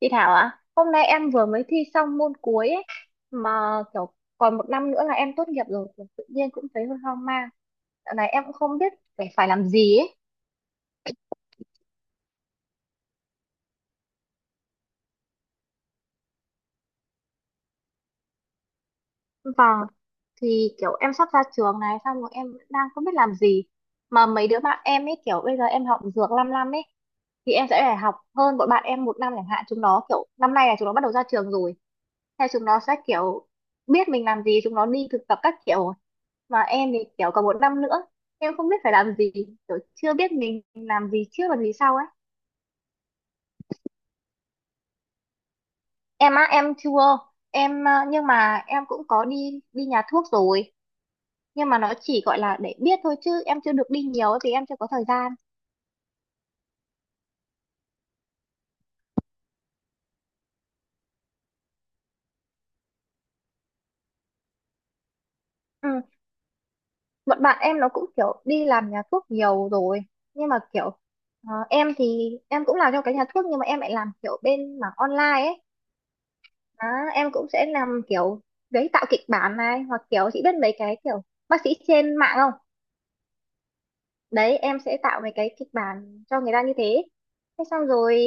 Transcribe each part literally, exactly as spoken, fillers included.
Chị Thảo ạ, hôm nay em vừa mới thi xong môn cuối ấy, mà kiểu còn một năm nữa là em tốt nghiệp rồi, kiểu tự nhiên cũng thấy hơi hoang mang. Dạo này em cũng không biết phải phải làm gì ấy. Vâng, thì kiểu em sắp ra trường này, xong rồi em vẫn đang không biết làm gì. Mà mấy đứa bạn em ấy kiểu bây giờ em học dược 5 năm ấy, thì em sẽ phải học hơn bọn bạn em một năm chẳng hạn. Chúng nó kiểu năm nay là chúng nó bắt đầu ra trường rồi, theo chúng nó sẽ kiểu biết mình làm gì, chúng nó đi thực tập các kiểu. Mà em thì kiểu còn một năm nữa em không biết phải làm gì, kiểu chưa biết mình làm gì trước và gì sau ấy. Em á em chưa, em à, nhưng mà em cũng có đi đi nhà thuốc rồi, nhưng mà nó chỉ gọi là để biết thôi chứ em chưa được đi nhiều ấy, vì em chưa có thời gian. Ừ. Bọn bạn em nó cũng kiểu đi làm nhà thuốc nhiều rồi, nhưng mà kiểu ờ, em thì em cũng làm trong cái nhà thuốc nhưng mà em lại làm kiểu bên mảng online ấy. Đó, em cũng sẽ làm kiểu giấy tạo kịch bản này hoặc kiểu chị biết mấy cái kiểu bác sĩ trên mạng không, đấy em sẽ tạo mấy cái kịch bản cho người ta như thế. Thế xong rồi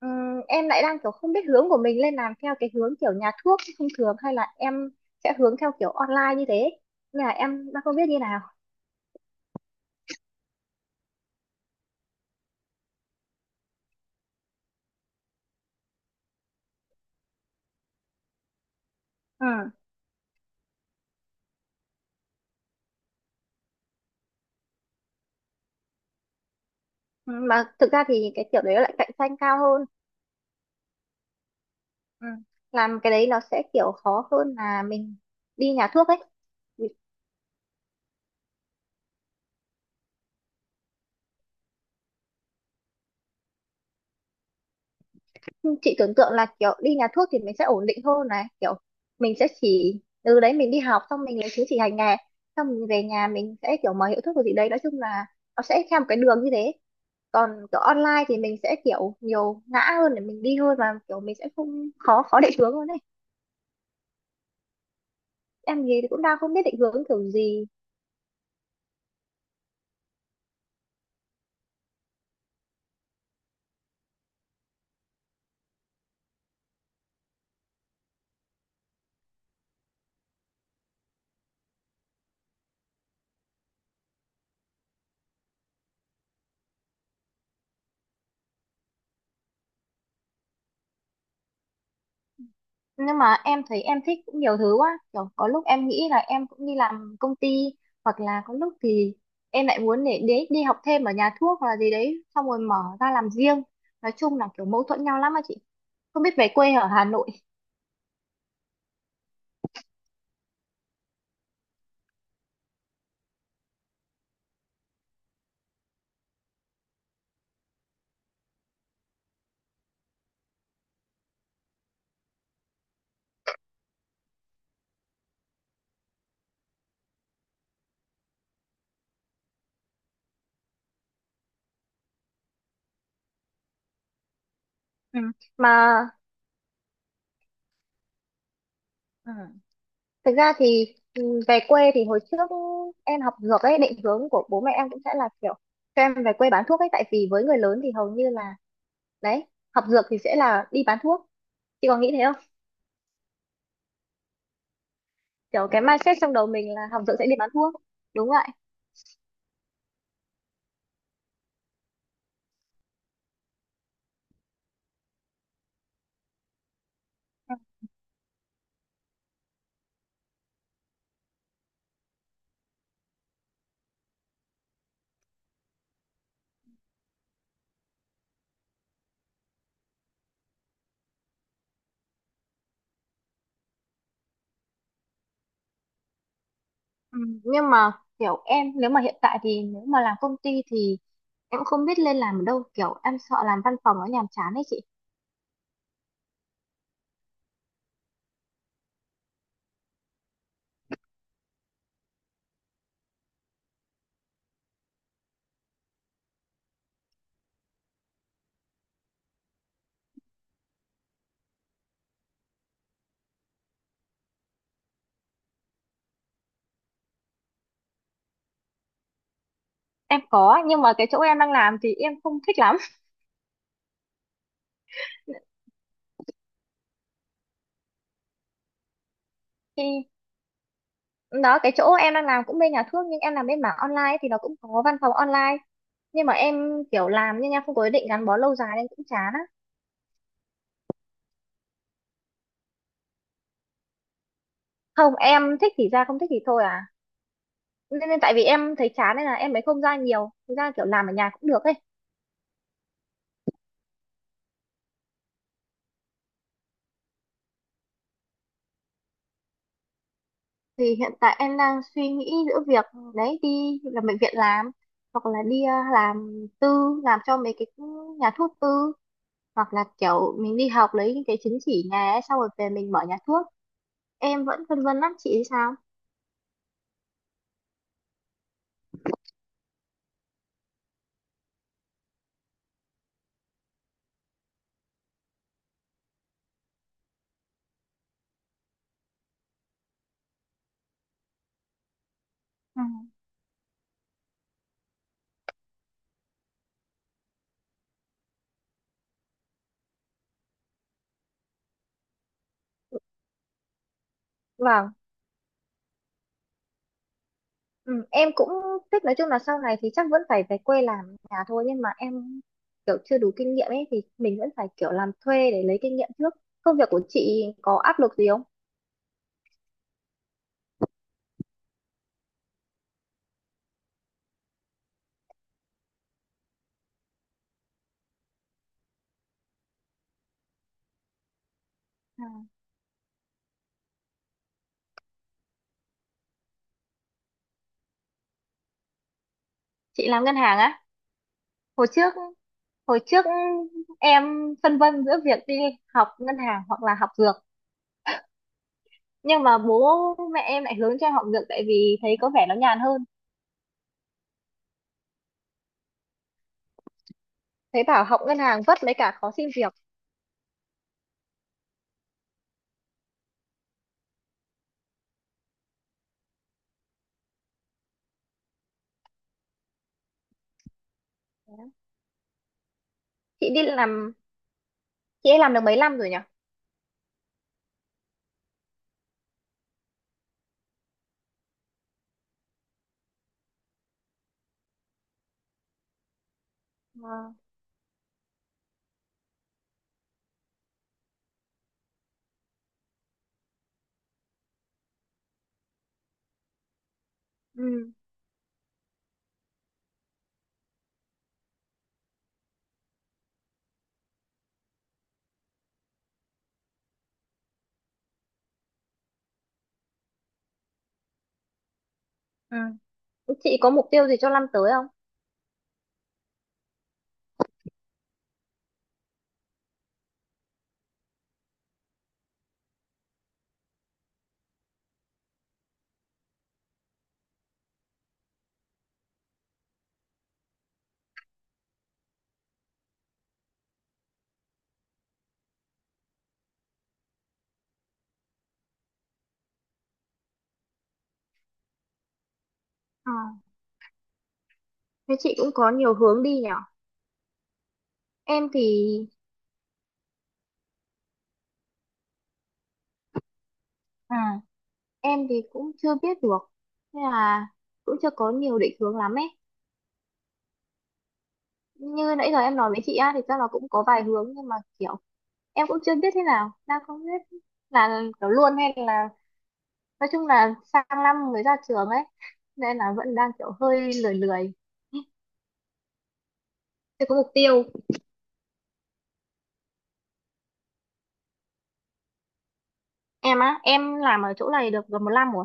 ừm, em lại đang kiểu không biết hướng của mình lên làm theo cái hướng kiểu nhà thuốc thông thường hay là em sẽ hướng theo kiểu online như thế, nên là em đang không biết như nào. Ừ. Ừ, mà thực ra thì cái kiểu đấy lại cạnh tranh cao hơn. Ừ. Làm cái đấy nó sẽ kiểu khó hơn là mình đi nhà thuốc ấy, chị tưởng tượng là kiểu đi nhà thuốc thì mình sẽ ổn định hơn này, kiểu mình sẽ chỉ từ đấy mình đi học xong mình lấy chứng chỉ hành nghề, xong mình về nhà mình sẽ kiểu mở hiệu thuốc rồi gì đấy, nói chung là nó sẽ theo một cái đường như thế. Còn kiểu online thì mình sẽ kiểu nhiều ngã hơn để mình đi hơn, và kiểu mình sẽ không khó khó định hướng hơn đấy. Em gì thì cũng đang không biết định hướng kiểu gì. Nhưng mà em thấy em thích cũng nhiều thứ quá, kiểu có lúc em nghĩ là em cũng đi làm công ty, hoặc là có lúc thì em lại muốn để đi, đi học thêm ở nhà thuốc hoặc là gì đấy xong rồi mở ra làm riêng. Nói chung là kiểu mâu thuẫn nhau lắm á chị, không biết về quê ở Hà Nội. Ừ. Mà Ừ. thực ra thì ừ, về quê thì hồi trước em học dược ấy, định hướng của bố mẹ em cũng sẽ là kiểu cho em về quê bán thuốc ấy, tại vì với người lớn thì hầu như là đấy, học dược thì sẽ là đi bán thuốc, chị có nghĩ thế, kiểu cái mindset trong đầu mình là học dược sẽ đi bán thuốc. Đúng vậy. Ừ, Ừ, nhưng mà kiểu em nếu mà hiện tại thì nếu mà làm công ty thì em không biết lên làm ở đâu, kiểu em sợ làm văn phòng nó nhàm chán ấy chị. Em có, nhưng mà cái chỗ em đang làm thì em không thích lắm. Thì đó, cái chỗ em đang làm cũng bên nhà thuốc nhưng em làm bên mảng online ấy, thì nó cũng có văn phòng online, nhưng mà em kiểu làm nhưng em không có ý định gắn bó lâu dài nên cũng chán á. Không, em thích thì ra không thích thì thôi à, nên, nên tại vì em thấy chán nên là em mới không ra nhiều, thực ra kiểu làm ở nhà cũng được ấy. Thì hiện tại em đang suy nghĩ giữa việc đấy, đi làm bệnh viện làm, hoặc là đi ờ, làm tư, làm cho mấy cái nhà thuốc tư, hoặc là kiểu mình đi học lấy những cái chứng chỉ nhà ấy, xong rồi về mình mở nhà thuốc. Em vẫn phân vân lắm, chị thì sao? Ừ. Vâng, ừ, em cũng thích, nói chung là sau này thì chắc vẫn phải về quê làm nhà thôi, nhưng mà em kiểu chưa đủ kinh nghiệm ấy, thì mình vẫn phải kiểu làm thuê để lấy kinh nghiệm trước. Công việc của chị có áp lực gì không? Ừ. Chị làm ngân hàng á? Hồi trước hồi trước em phân vân giữa việc đi học ngân hàng hoặc là học dược, nhưng mà bố mẹ em lại hướng cho em học dược tại vì thấy có vẻ nó nhàn hơn, thấy bảo học ngân hàng vất lấy cả khó xin việc. Chị đi làm, chị ấy làm được mấy năm rồi nhỉ? Ờ, ừ, ừ. Chị có mục tiêu gì cho năm tới không? Ờ, thế chị cũng có nhiều hướng đi nhỉ? Em thì Ừ. em thì cũng chưa biết được, nên là cũng chưa có nhiều định hướng lắm ấy. Như nãy giờ em nói với chị á, thì chắc là cũng có vài hướng nhưng mà kiểu em cũng chưa biết thế nào, đang không biết là kiểu luôn hay là, nói chung là sang năm mới ra trường ấy, nên là vẫn đang kiểu hơi lười lười, chưa có mục tiêu. Em á em làm ở chỗ này được gần một năm rồi.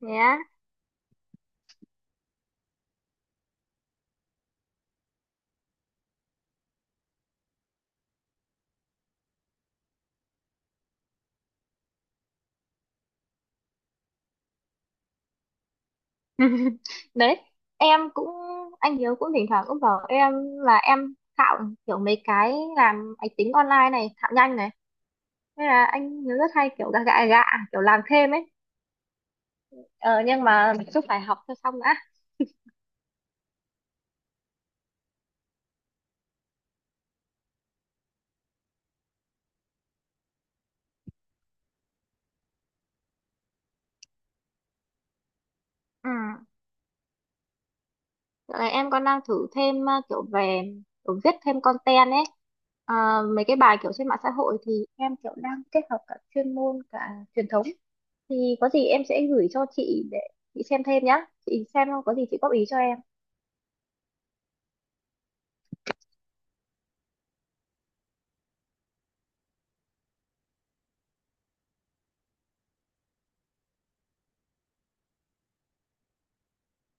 Thế á? Đấy em cũng, anh Hiếu cũng thỉnh thoảng cũng bảo em là em thạo kiểu mấy cái làm máy tính online này thạo nhanh này, nên là anh Hiếu rất hay kiểu gạ gạ gạ kiểu làm thêm ấy. ờ, nhưng mà mình cũng phải học cho xong đã. Ừ. Dạo này em còn đang thử thêm ờ, kiểu về kiểu viết thêm content ấy. Ờ, mấy cái bài kiểu trên mạng xã hội thì em kiểu đang kết hợp cả chuyên môn cả truyền thống, thì có gì em sẽ gửi cho chị để chị xem thêm nhá, chị xem không có gì chị góp ý cho em.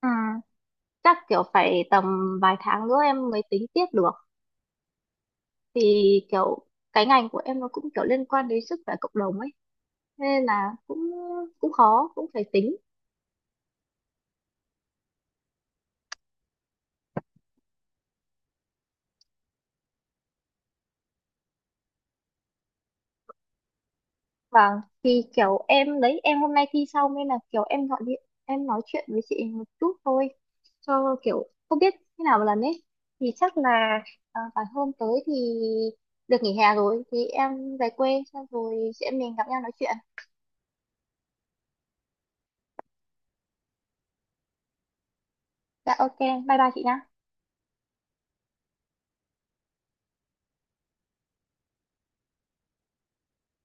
À, chắc kiểu phải tầm vài tháng nữa em mới tính tiếp được, thì kiểu cái ngành của em nó cũng kiểu liên quan đến sức khỏe cộng đồng ấy, nên là cũng cũng khó cũng phải tính. Vâng, thì kiểu em đấy, em hôm nay thi xong nên là kiểu em gọi điện, em nói chuyện với chị một chút thôi, cho kiểu không biết thế nào một lần ấy. Thì chắc là à, phải hôm tới thì được nghỉ hè rồi, thì em về quê, xong rồi chị em mình gặp nhau nói chuyện. Dạ ok, bye bye chị nhá.